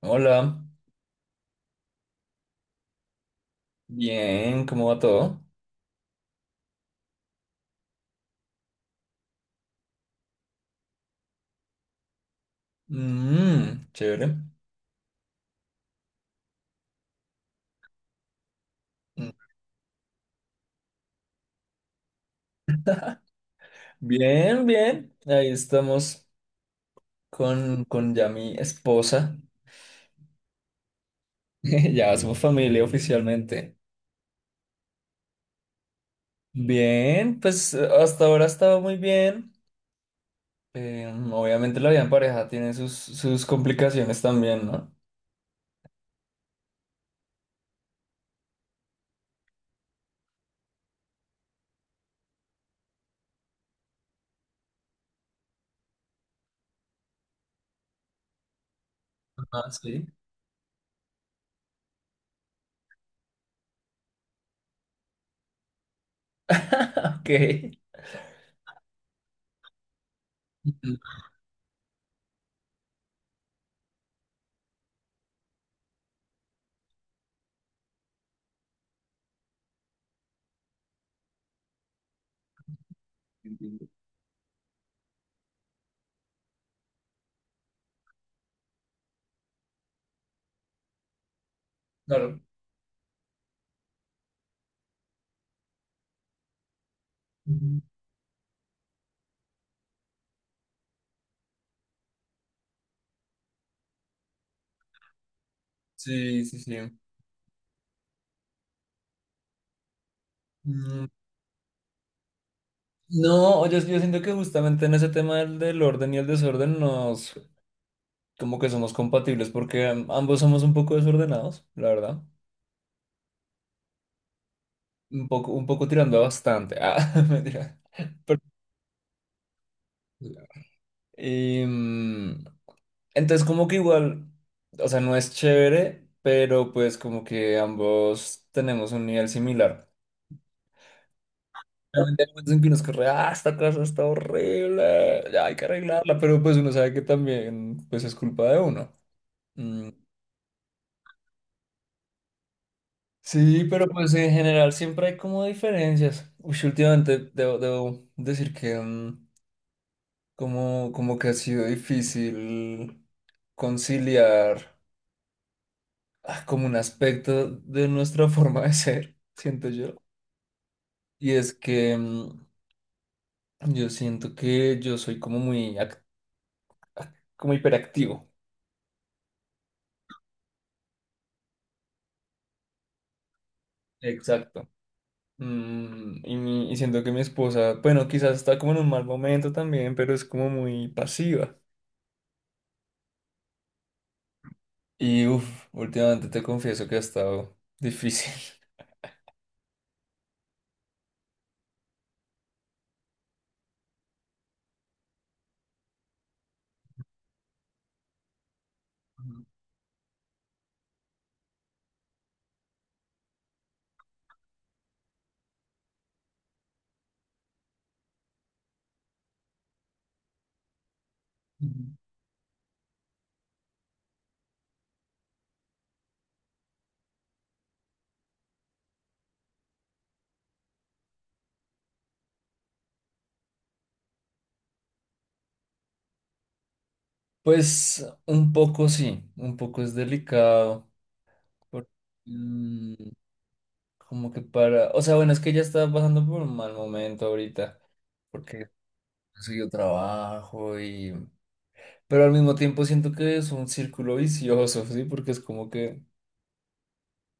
Hola, bien, ¿cómo va todo? Mm, chévere. Mm, Bien, bien, ahí estamos con ya mi esposa, ya somos familia oficialmente. Bien, pues hasta ahora estaba muy bien. Obviamente la vida en pareja tiene sus, sus complicaciones también, ¿no? Ah, sí. Ok. Entiendo. Claro. Ujú. Sí, sí, sí. No, oye, es que yo siento que justamente en ese tema del orden y el desorden nos, como que somos compatibles porque ambos somos un poco desordenados, la verdad. Un poco tirando a bastante. Ah, mentira. Pero, y, mm, entonces como que igual, o sea, no es chévere, pero pues como que ambos tenemos un nivel similar. Obviamente hay momentos en que uno es como, ah, esta cosa está horrible, ya hay que arreglarla, pero pues uno sabe que también pues es culpa de uno. Mm, Sí, pero pues en general siempre hay como diferencias. Uy, sí, últimamente debo decir que como, como que ha sido difícil conciliar como un aspecto de nuestra forma de ser, siento yo. Y es que yo siento que yo soy como muy, como hiperactivo. Exacto. Y siento que mi esposa, bueno, quizás está como en un mal momento también, pero es como muy pasiva. Y uff, últimamente te confieso que ha estado difícil. Ujú. Pues un poco sí, un poco es delicado. porque, mm, Como que para. O sea, bueno, es que ella está pasando por un mal momento ahorita. Porque consiguió trabajo y. Pero al mismo tiempo siento que es un círculo vicioso, ¿sí? Porque es como que.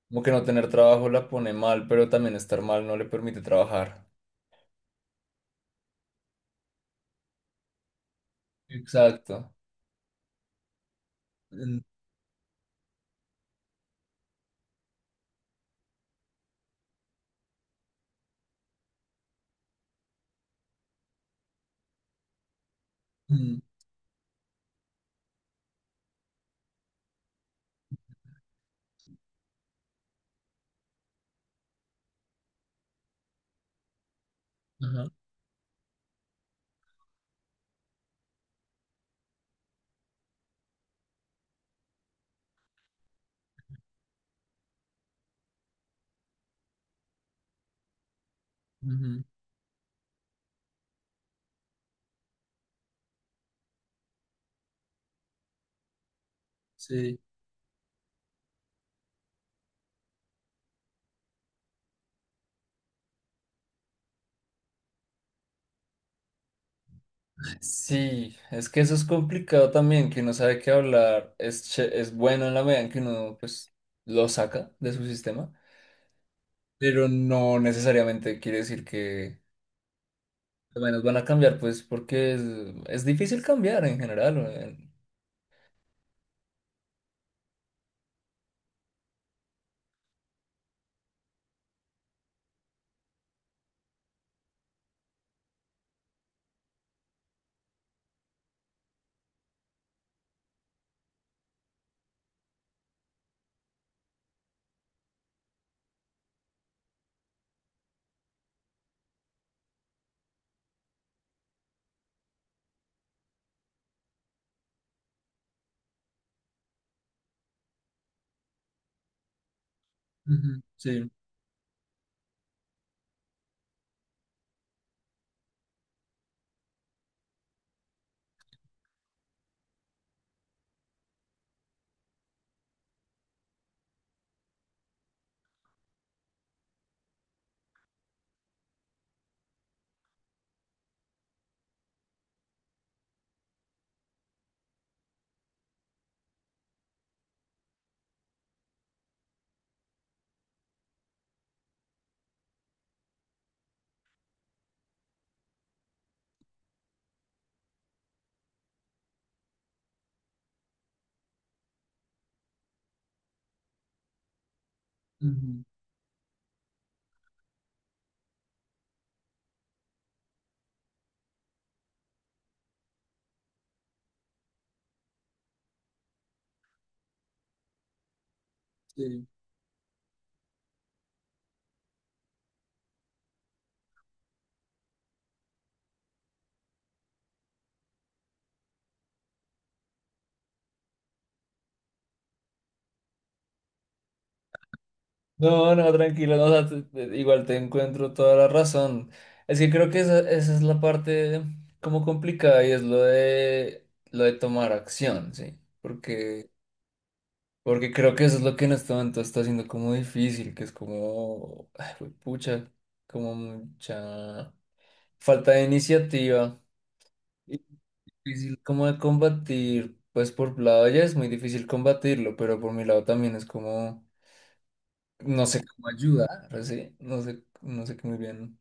Como que no tener trabajo la pone mal, pero también estar mal no le permite trabajar. Exacto. En- ujú, Ajá. ujú, Sí. Sí, es que eso es complicado también, que uno sabe que hablar es, es bueno en la medida en que uno pues lo saca de su sistema, pero no necesariamente quiere decir que al menos van a cambiar, pues porque es difícil cambiar en general. Ujú, Sí. Ujú, sí. No, no, tranquilo, no, o sea, igual te encuentro toda la razón. Es que creo que esa es la parte como complicada y es lo de tomar acción, sí, porque Porque creo que eso es lo que en este momento está haciendo como difícil, que es como, ay, güey, pucha, como mucha falta de iniciativa. Y difícil como de combatir, pues por tu lado ya es muy difícil combatirlo, pero por mi lado también es como, no sé cómo ayudar, ¿sí? No sé, no sé qué muy bien.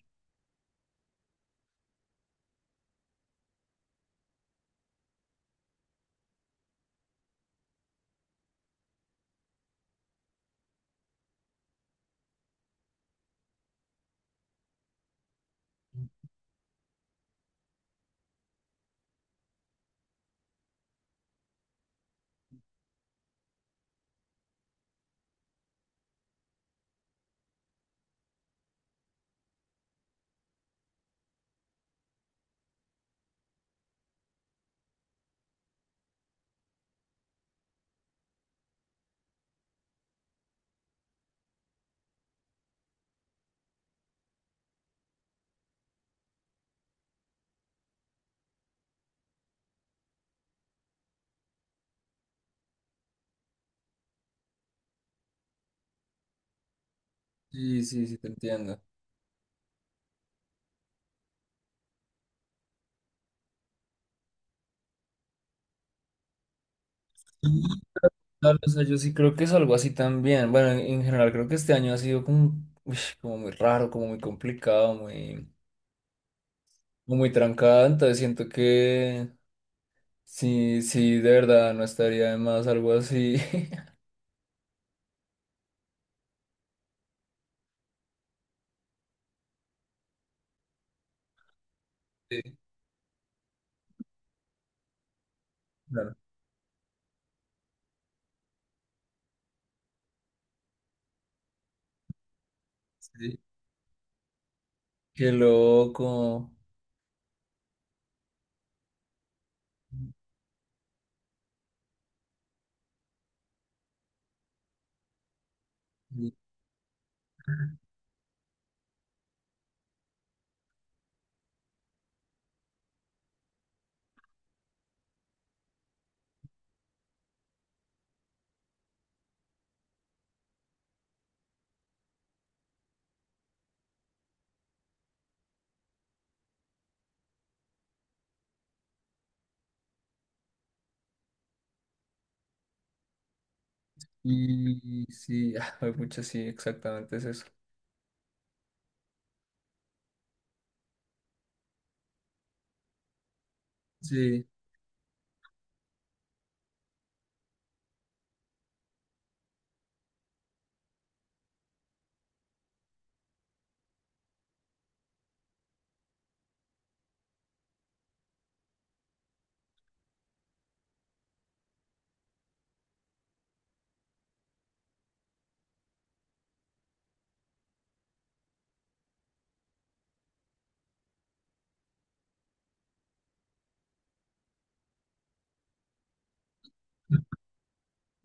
Sí, sí, sí, te entiendo. Claro, o sea, yo sí creo que es algo así también. Bueno, en general creo que este año ha sido como, uy, como muy raro, como muy complicado, muy... o muy trancada, entonces siento que sí, sí, de verdad no estaría de más algo así. Sí, claro, sí. Qué loco. Y, y sí, mucho sí, exactamente es eso. Sí.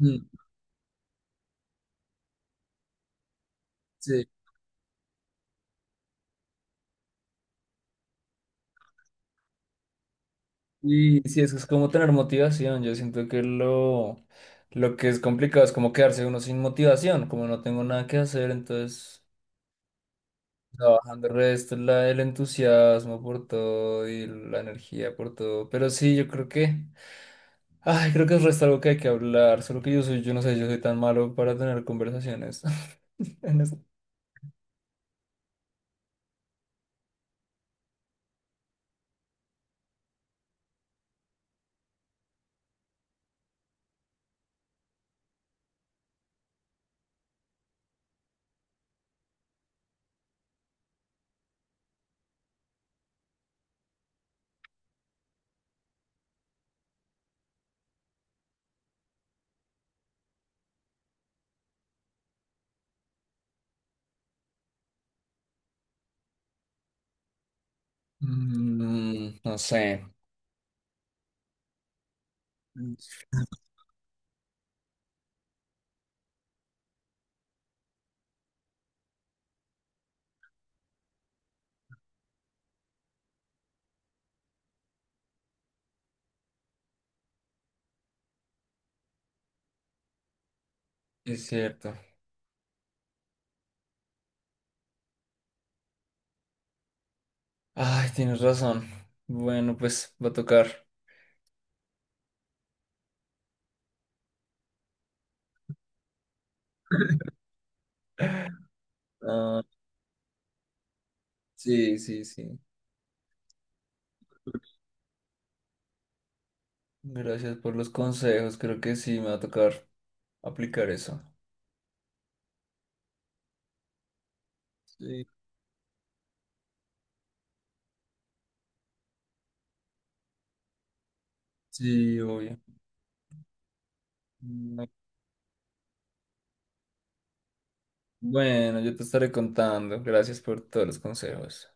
Mm, Sí, y sí, es que es como tener motivación. Yo siento que lo que es complicado es como quedarse uno sin motivación, como no tengo nada que hacer, entonces no, bajando el resto, la, el entusiasmo por todo y la energía por todo. Pero sí, yo creo que, ay, creo que el resto algo que hay que hablar. Solo que yo soy, yo no sé, yo soy tan malo para tener conversaciones. En esto. No sé, es cierto. Ay, tienes razón. Bueno, pues va a tocar. Ah, sí, sí, sí. Gracias por los consejos. Creo que sí, me va a tocar aplicar eso. Sí. Sí, obvio. Bueno, yo te estaré contando. Gracias por todos los consejos.